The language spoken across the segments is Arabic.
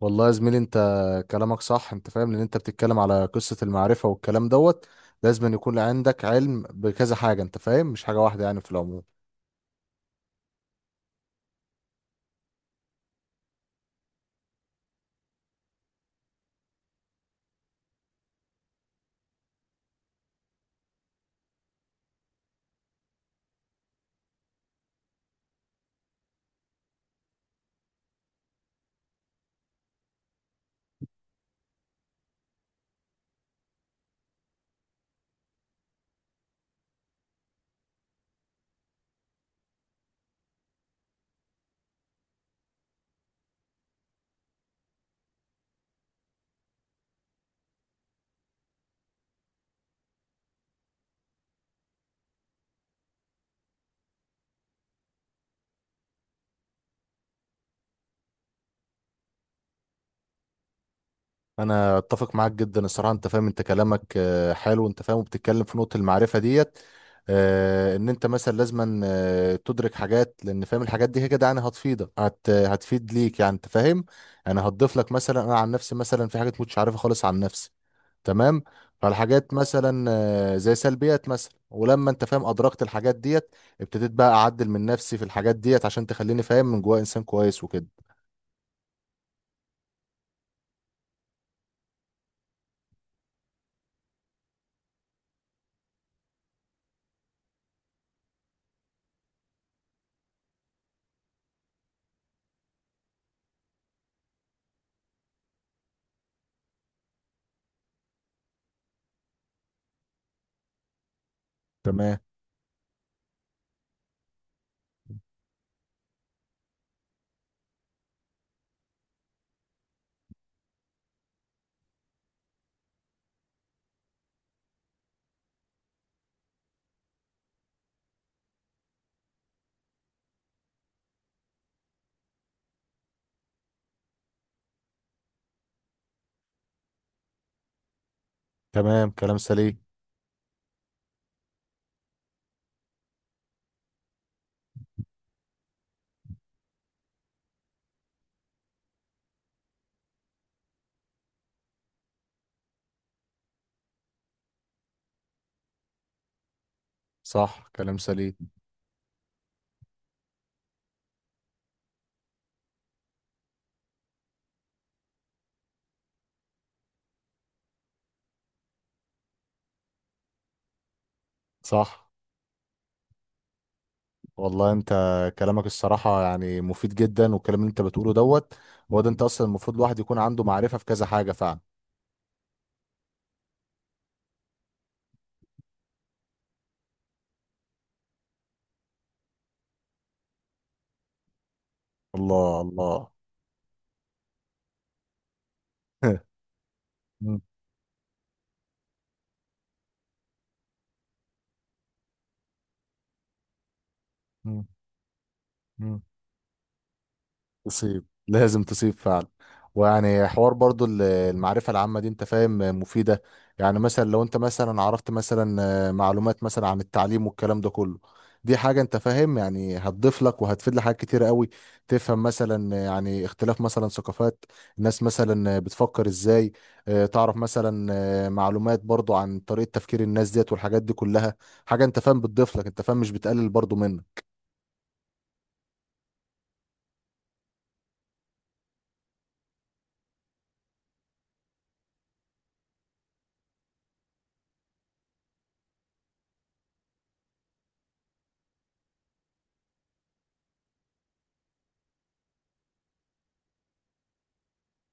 والله يا زميلي انت، كلامك صح، انت فاهم. لان انت بتتكلم على قصة المعرفة والكلام دوت. لازم أن يكون عندك علم بكذا حاجة، انت فاهم، مش حاجة واحدة يعني في العموم. انا اتفق معاك جدا الصراحه، انت فاهم، انت كلامك حلو، انت فاهم، وبتتكلم في نقطه المعرفه ديت. ان انت مثلا لازما تدرك حاجات لان فاهم الحاجات دي هي كده. يعني هتفيدك، هتفيد ليك، يعني انت فاهم. يعني هتضيف لك. مثلا انا عن نفسي، مثلا في حاجات مش عارفها خالص عن نفسي، تمام؟ فالحاجات مثلا زي سلبيات، مثلا ولما انت فاهم ادركت الحاجات ديت، ابتديت بقى اعدل من نفسي في الحاجات ديت، عشان تخليني فاهم من جوايا انسان كويس وكده. تمام تمام كلام سليم. صح كلام سليم. صح. والله انت كلامك الصراحة يعني مفيد جدا، والكلام اللي انت بتقوله دوت هو ده. انت اصلا المفروض الواحد يكون عنده معرفة في كذا حاجة فعلا. الله الله. مم. مم. مم. تصيب، لازم تصيب فعلا. ويعني حوار برضو المعرفة العامة دي، انت فاهم، مفيدة. يعني مثلا لو انت مثلا عرفت مثلا معلومات مثلا عن التعليم والكلام ده كله، دي حاجة انت فاهم يعني هتضيف لك وهتفيد لحاجات كتير قوي. تفهم مثلا يعني اختلاف مثلا ثقافات الناس، مثلا بتفكر ازاي. تعرف مثلا معلومات برضو عن طريقة تفكير الناس ديت والحاجات دي كلها. حاجة انت فاهم بتضيف لك، انت فاهم، مش بتقلل برضو منك.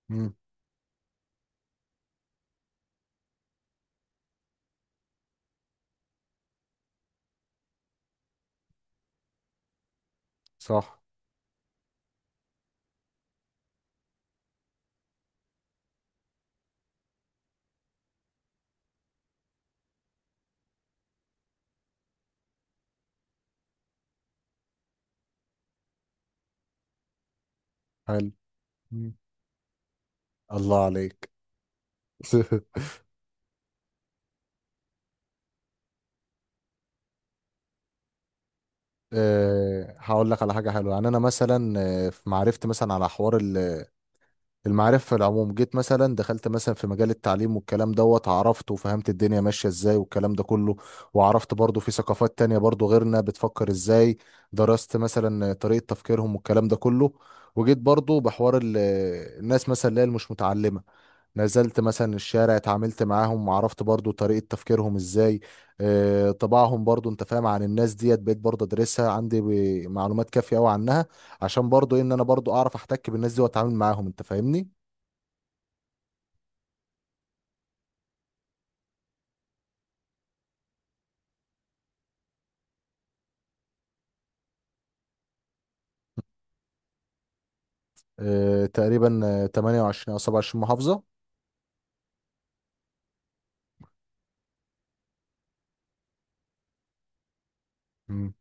مم. صح. حلو. مم. الله عليك. هقول لك على حاجة حلوة. يعني أنا مثلا في معرفتي، مثلا على حوار المعرفة في العموم، جيت مثلا دخلت مثلا في مجال التعليم والكلام دوت، عرفت وفهمت الدنيا ماشية ازاي والكلام ده كله. وعرفت برضو في ثقافات تانية برضو غيرنا بتفكر ازاي، درست مثلا طريقة تفكيرهم والكلام ده كله. وجيت برضو بحوار الناس مثلا اللي هي مش متعلمة، نزلت مثلا الشارع، اتعاملت معاهم وعرفت برضو طريقة تفكيرهم ازاي. طباعهم برضو انت فاهم عن الناس ديت، بقيت برضو ادرسها عندي معلومات كافية قوي عنها، عشان برضو إيه، ان انا برضو اعرف احتك بالناس دي واتعامل معاهم، انت فاهمني. آه تقريبا، 28 او 27 محافظة. مم.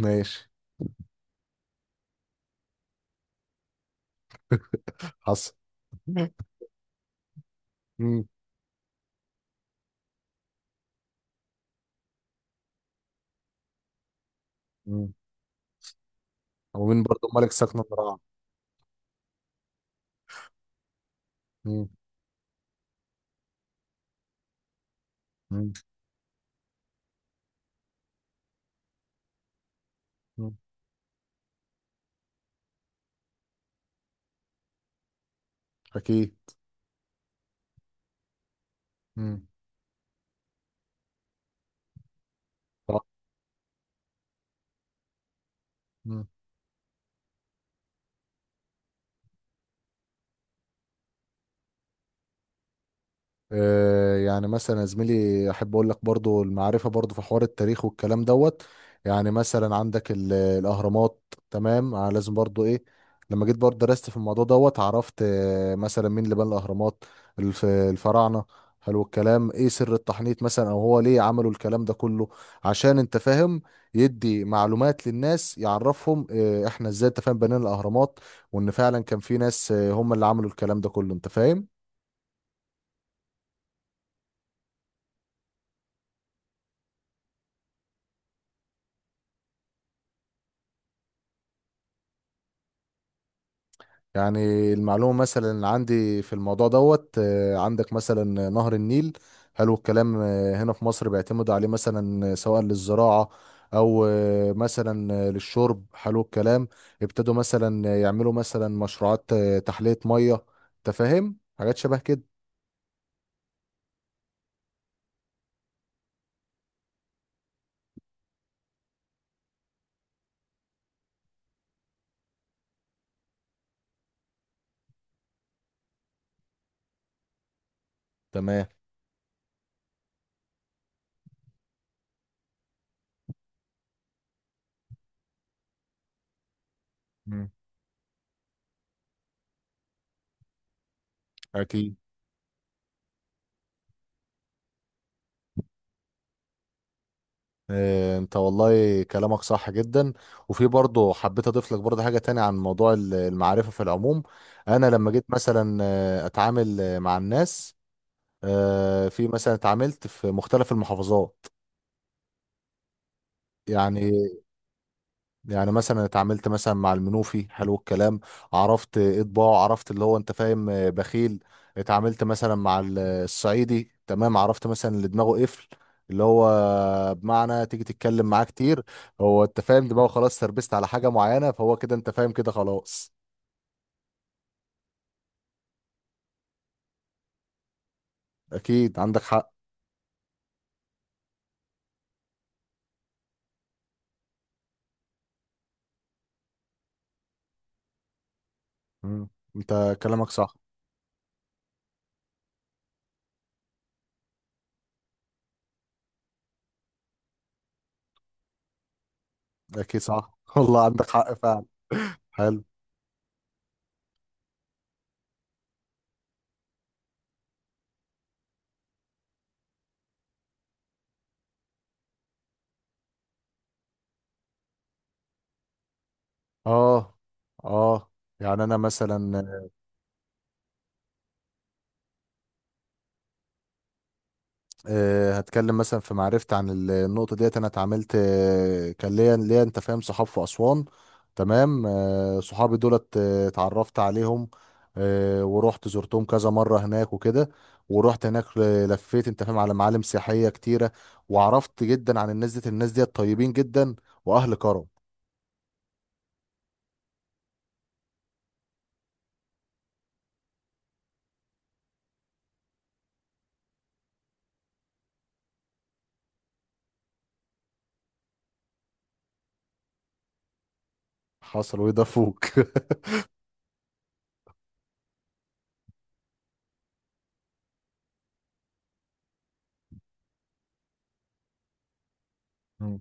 ماشي. حصل. مم. مم. ومين برضو ملك سكن القراعة؟ مم. مم. مم. اكيد. مم. صح. يعني مثلا يا زميلي، احب اقول لك برضو المعرفه برضو في حوار التاريخ والكلام دوت. يعني مثلا عندك الاهرامات، تمام؟ لازم برضو ايه، لما جيت برضو درست في الموضوع دوت، عرفت مثلا مين اللي بنى الاهرامات. الفراعنه. حلو الكلام. ايه سر التحنيط مثلا، او هو ليه عملوا الكلام ده كله، عشان انت فاهم يدي معلومات للناس، يعرفهم احنا ازاي انت فاهم بنينا الاهرامات، وان فعلا كان في ناس هم اللي عملوا الكلام ده كله، انت فاهم. يعني المعلومة مثلا اللي عندي في الموضوع دوت، عندك مثلا نهر النيل. حلو الكلام. هنا في مصر بيعتمد عليه مثلا سواء للزراعة أو مثلا للشرب. حلو الكلام. ابتدوا مثلا يعملوا مثلا مشروعات تحلية مية، تفاهم حاجات شبه كده. تمام. مم. أكيد. إيه، انت والله كلامك صح جدا. وفي برضه حبيت اضيف لك برضه حاجه تانية عن موضوع المعرفه في العموم. انا لما جيت مثلا اتعامل مع الناس، في مثلا اتعاملت في مختلف المحافظات. يعني يعني مثلا اتعاملت مثلا مع المنوفي، حلو الكلام، عرفت اطباعه، عرفت اللي هو انت فاهم بخيل. اتعاملت مثلا مع الصعيدي، تمام، عرفت مثلا اللي دماغه قفل، اللي هو بمعنى تيجي تتكلم معاه كتير، هو انت فاهم دماغه خلاص تربست على حاجة معينة، فهو كده انت فاهم كده خلاص. اكيد عندك حق. مم. انت كلامك صح. اكيد صح. والله عندك حق فعلا. حلو. اه. اه. يعني انا مثلا هتكلم مثلا في معرفتي عن النقطة ديت. أنا اتعاملت كان ليا أنت فاهم صحاب في أسوان، تمام. صحابي دولت اتعرفت عليهم ورحت زرتهم كذا مرة هناك وكده. ورحت هناك لفيت أنت فاهم على معالم سياحية كتيرة، وعرفت جدا عن الناس ديت. الناس ديت طيبين جدا وأهل كرم. حصل وده فوق. مم.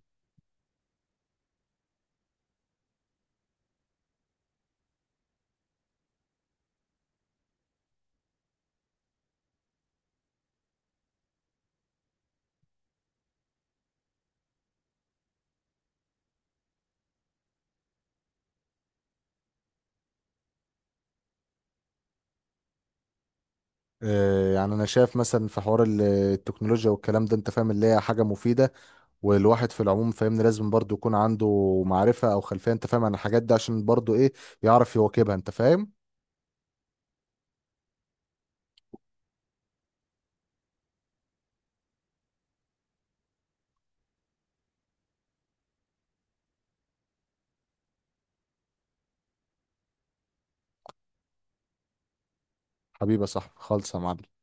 يعني انا شايف مثلا في حوار التكنولوجيا والكلام ده انت فاهم اللي هي حاجه مفيده. والواحد في العموم فاهمني لازم برضو يكون عنده معرفة او خلفية، انت فاهم، عن الحاجات دي عشان برضو ايه، يعرف يواكبها، انت فاهم. حبيبي يا صاحبي خالص يا معلم.